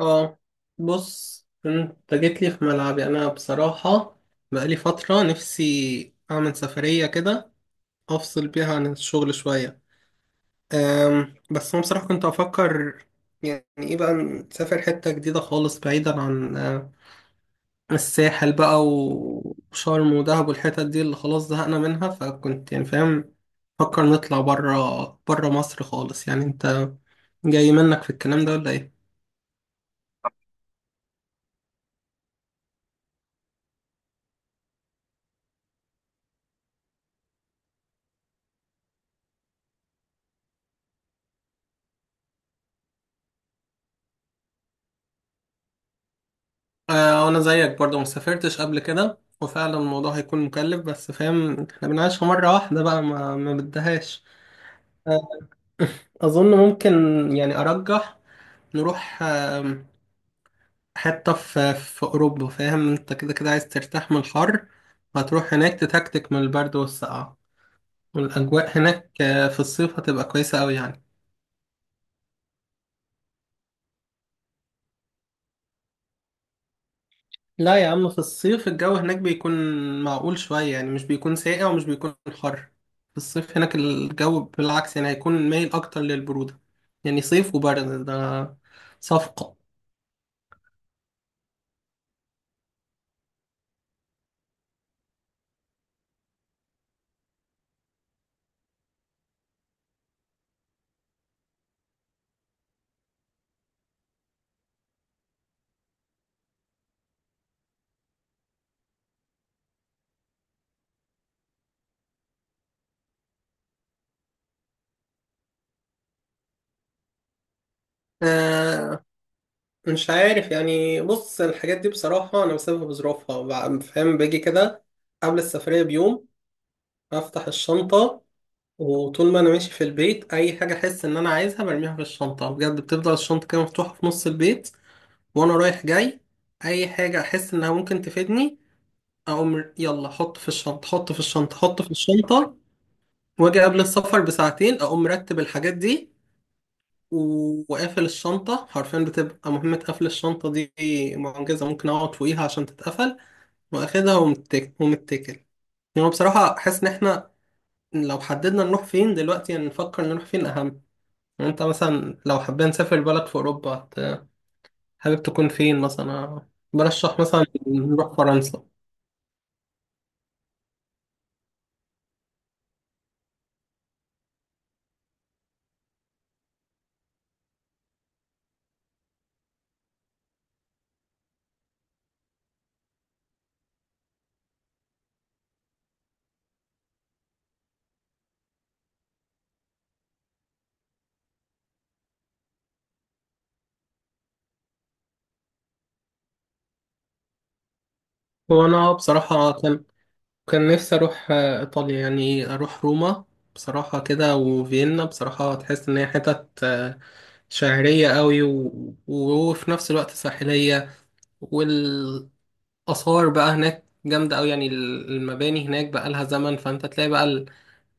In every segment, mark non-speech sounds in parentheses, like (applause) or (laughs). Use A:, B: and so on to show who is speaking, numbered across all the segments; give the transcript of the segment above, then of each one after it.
A: اه. بص انت جيت لي في ملعبي انا بصراحة. بقالي فترة نفسي اعمل سفرية كده افصل بيها عن الشغل شوية. بس انا بصراحة كنت افكر، يعني ايه بقى نسافر حتة جديدة خالص بعيدا عن الساحل بقى وشرم ودهب والحتت دي اللي خلاص زهقنا منها، فكنت يعني فاهم فكر نطلع برا برا مصر خالص. يعني انت جاي منك في الكلام ده ولا ايه؟ انا زيك برضو ما سافرتش قبل كده، وفعلا الموضوع هيكون مكلف، بس فاهم احنا بنعيشها مرة واحدة بقى، ما بدهاش. آه، اظن ممكن، يعني ارجح نروح حتة في اوروبا. فاهم انت كده كده عايز ترتاح من الحر، هتروح هناك تتكتك من البرد والسقعة، والاجواء هناك في الصيف هتبقى كويسة قوي يعني. لا يا عم، في الصيف الجو هناك بيكون معقول شوية، يعني مش بيكون ساقع ومش بيكون حر. في الصيف هناك الجو بالعكس يعني هيكون مايل أكتر للبرودة. يعني صيف وبرد، ده صفقة. آه مش عارف يعني، بص الحاجات دي بصراحة أنا بسيبها بظروفها. فاهم، باجي كده قبل السفرية بيوم أفتح الشنطة، وطول ما أنا ماشي في البيت أي حاجة أحس إن أنا عايزها برميها في الشنطة. بجد بتفضل الشنطة كده مفتوحة في نص البيت، وانا رايح جاي اي حاجه احس انها ممكن تفيدني اقوم يلا حط في الشنطه، حط في الشنطه، حط في الشنطه. واجي قبل السفر بساعتين اقوم مرتب الحاجات دي، وقافل الشنطه. حرفيا بتبقى مهمه قفل الشنطه دي معجزه، ممكن اقعد فوقيها عشان تتقفل، واخدها ومتكل ومتكل. يعني بصراحه احس ان احنا لو حددنا نروح فين دلوقتي، يعني نفكر نروح فين اهم. يعني انت مثلا لو حابين نسافر بلد في اوروبا، حابب تكون فين مثلا؟ برشح مثلا نروح فرنسا. هو انا بصراحة كان نفسي اروح ايطاليا، يعني اروح روما بصراحة كده وفيينا. بصراحة تحس ان هي حتت شعرية قوي و... وفي نفس الوقت ساحلية، والآثار بقى هناك جامدة قوي. يعني المباني هناك بقى لها زمن، فانت تلاقي بقى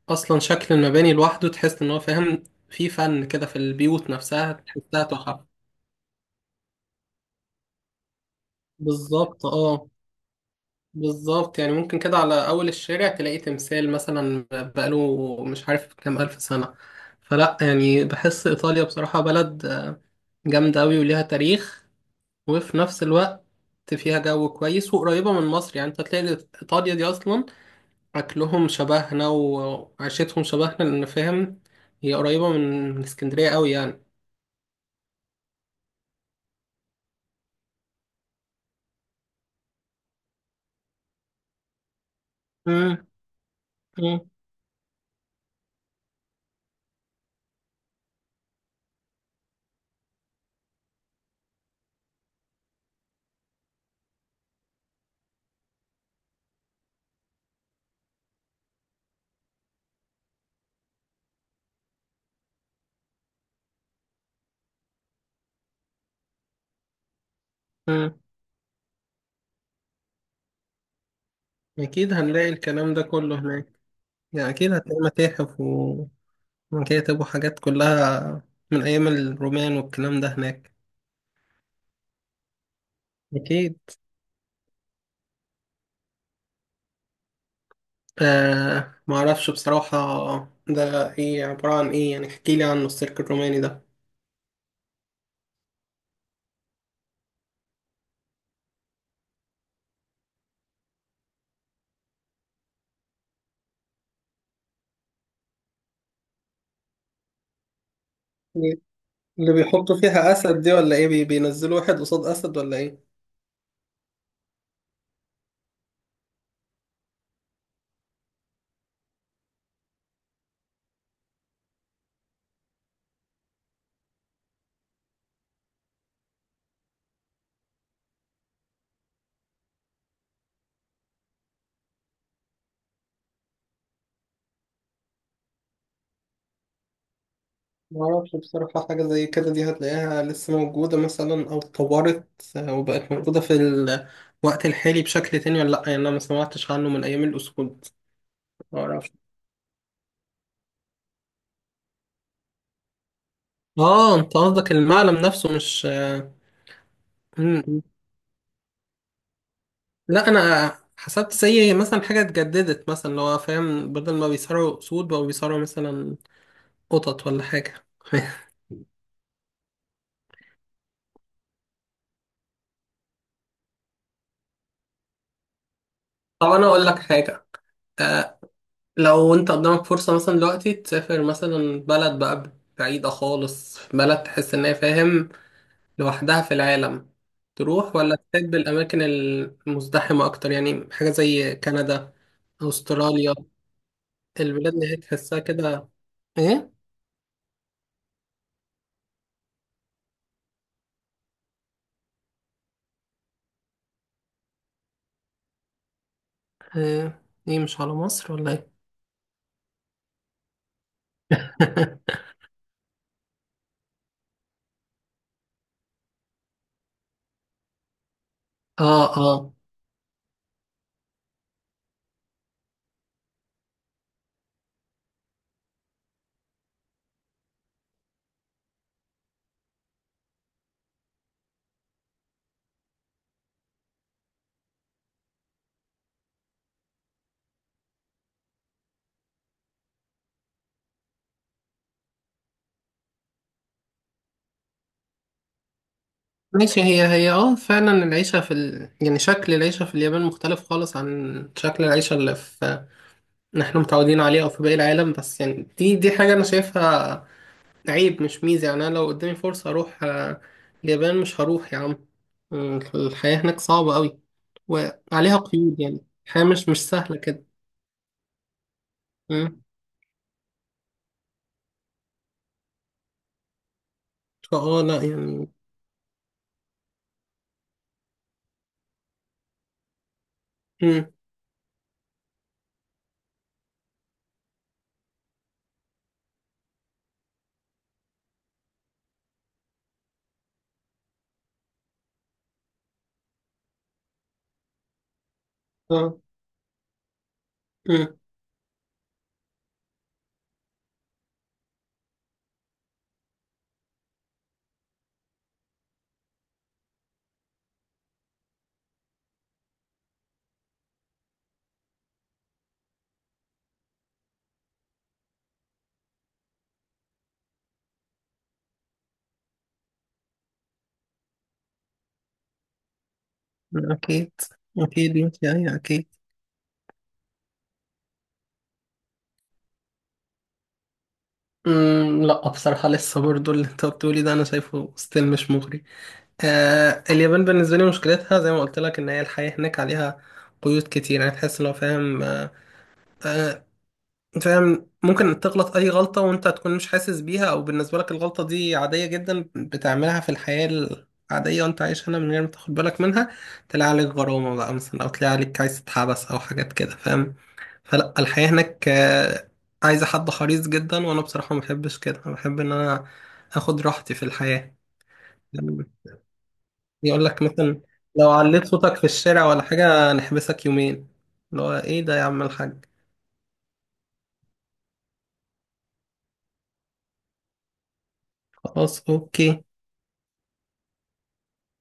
A: اصلا شكل المباني لوحده تحس ان هو فاهم في فن كده، في البيوت نفسها تحسها تحف. بالظبط، اه بالظبط. يعني ممكن كده على أول الشارع تلاقي تمثال مثلا بقاله مش عارف كام ألف سنة. فلا يعني بحس إيطاليا بصراحة بلد جامدة أوي وليها تاريخ، وفي نفس الوقت فيها جو كويس وقريبة من مصر. يعني أنت هتلاقي إيطاليا دي أصلا أكلهم شبهنا وعيشتهم شبهنا، لأن فاهم هي قريبة من اسكندرية أوي يعني. مم. مم. مم. أكيد هنلاقي الكلام ده كله هناك. يعني أكيد هتلاقي متاحف كتبوا حاجات كلها من أيام الرومان والكلام ده هناك. أكيد. معرفش بصراحة، ده إيه عبارة عن إيه؟ يعني احكيلي عن السيرك الروماني ده. اللي بيحطوا فيها أسد دي ولا إيه؟ بينزلوا واحد قصاد أسد ولا إيه؟ معرفش بصراحة، حاجة زي كده دي هتلاقيها لسه موجودة مثلا أو اتطورت وبقت موجودة في الوقت الحالي بشكل تاني ولا لأ؟ يعني أنا ما سمعتش عنه من أيام الأسود. معرفش. أنت قصدك المعلم نفسه مش مم. لا انا حسبت زي مثلا حاجه اتجددت مثلا، اللي هو فاهم بدل ما بيصارعوا اسود بقوا بيصارعوا مثلا قطط ولا حاجه. (laughs) طب انا اقول لك حاجه، آه، لو انت قدامك فرصه مثلا دلوقتي تسافر مثلا بلد بقى بعيده خالص، بلد تحس ان هي فاهم لوحدها في العالم، تروح ولا تحب الاماكن المزدحمه اكتر؟ يعني حاجه زي كندا، استراليا، البلاد اللي هي تحسها كده ايه. آه، ايه مش على مصر ولا ايه؟ (laughs) اه اه، ماشي. هي فعلا العيشة في يعني شكل العيشة في اليابان مختلف خالص عن شكل العيشة اللي احنا متعودين عليه او في باقي العالم، بس يعني دي حاجة انا شايفها عيب مش ميزة. يعني انا لو قدامي فرصة اروح اليابان، مش هروح يا عم. الحياة هناك صعبة قوي وعليها قيود، يعني الحياة مش سهلة كده. مم. لا يعني. مم. اه. مم. اكيد، اكيد ماشي، ايوه اكيد. مم، لا بصراحة لسه برضو اللي انت بتقولي ده انا شايفه ستيل مش مغري. اليابان بالنسبة لي مشكلتها زي ما قلت لك ان هي الحياة هناك عليها قيود كتير. يعني تحس لو فاهم، آه فاهم ممكن تغلط اي غلطة وانت تكون مش حاسس بيها، او بالنسبة لك الغلطة دي عادية جدا بتعملها في الحياة العادية وانت عايش هنا من غير ما تاخد بالك منها، تلاقي عليك غرامة بقى مثلا، او تلاقي عليك عايز تتحبس او حاجات كده فاهم. فلا الحياة هناك عايزة حد حريص جدا، وأنا بصراحة ما بحبش كده، أنا بحب إن أنا آخد راحتي في الحياة. يعني يقول لك مثلا لو عليت صوتك في الشارع ولا حاجة نحبسك يومين، اللي هو إيه ده يا عم الحاج. خلاص أوكي.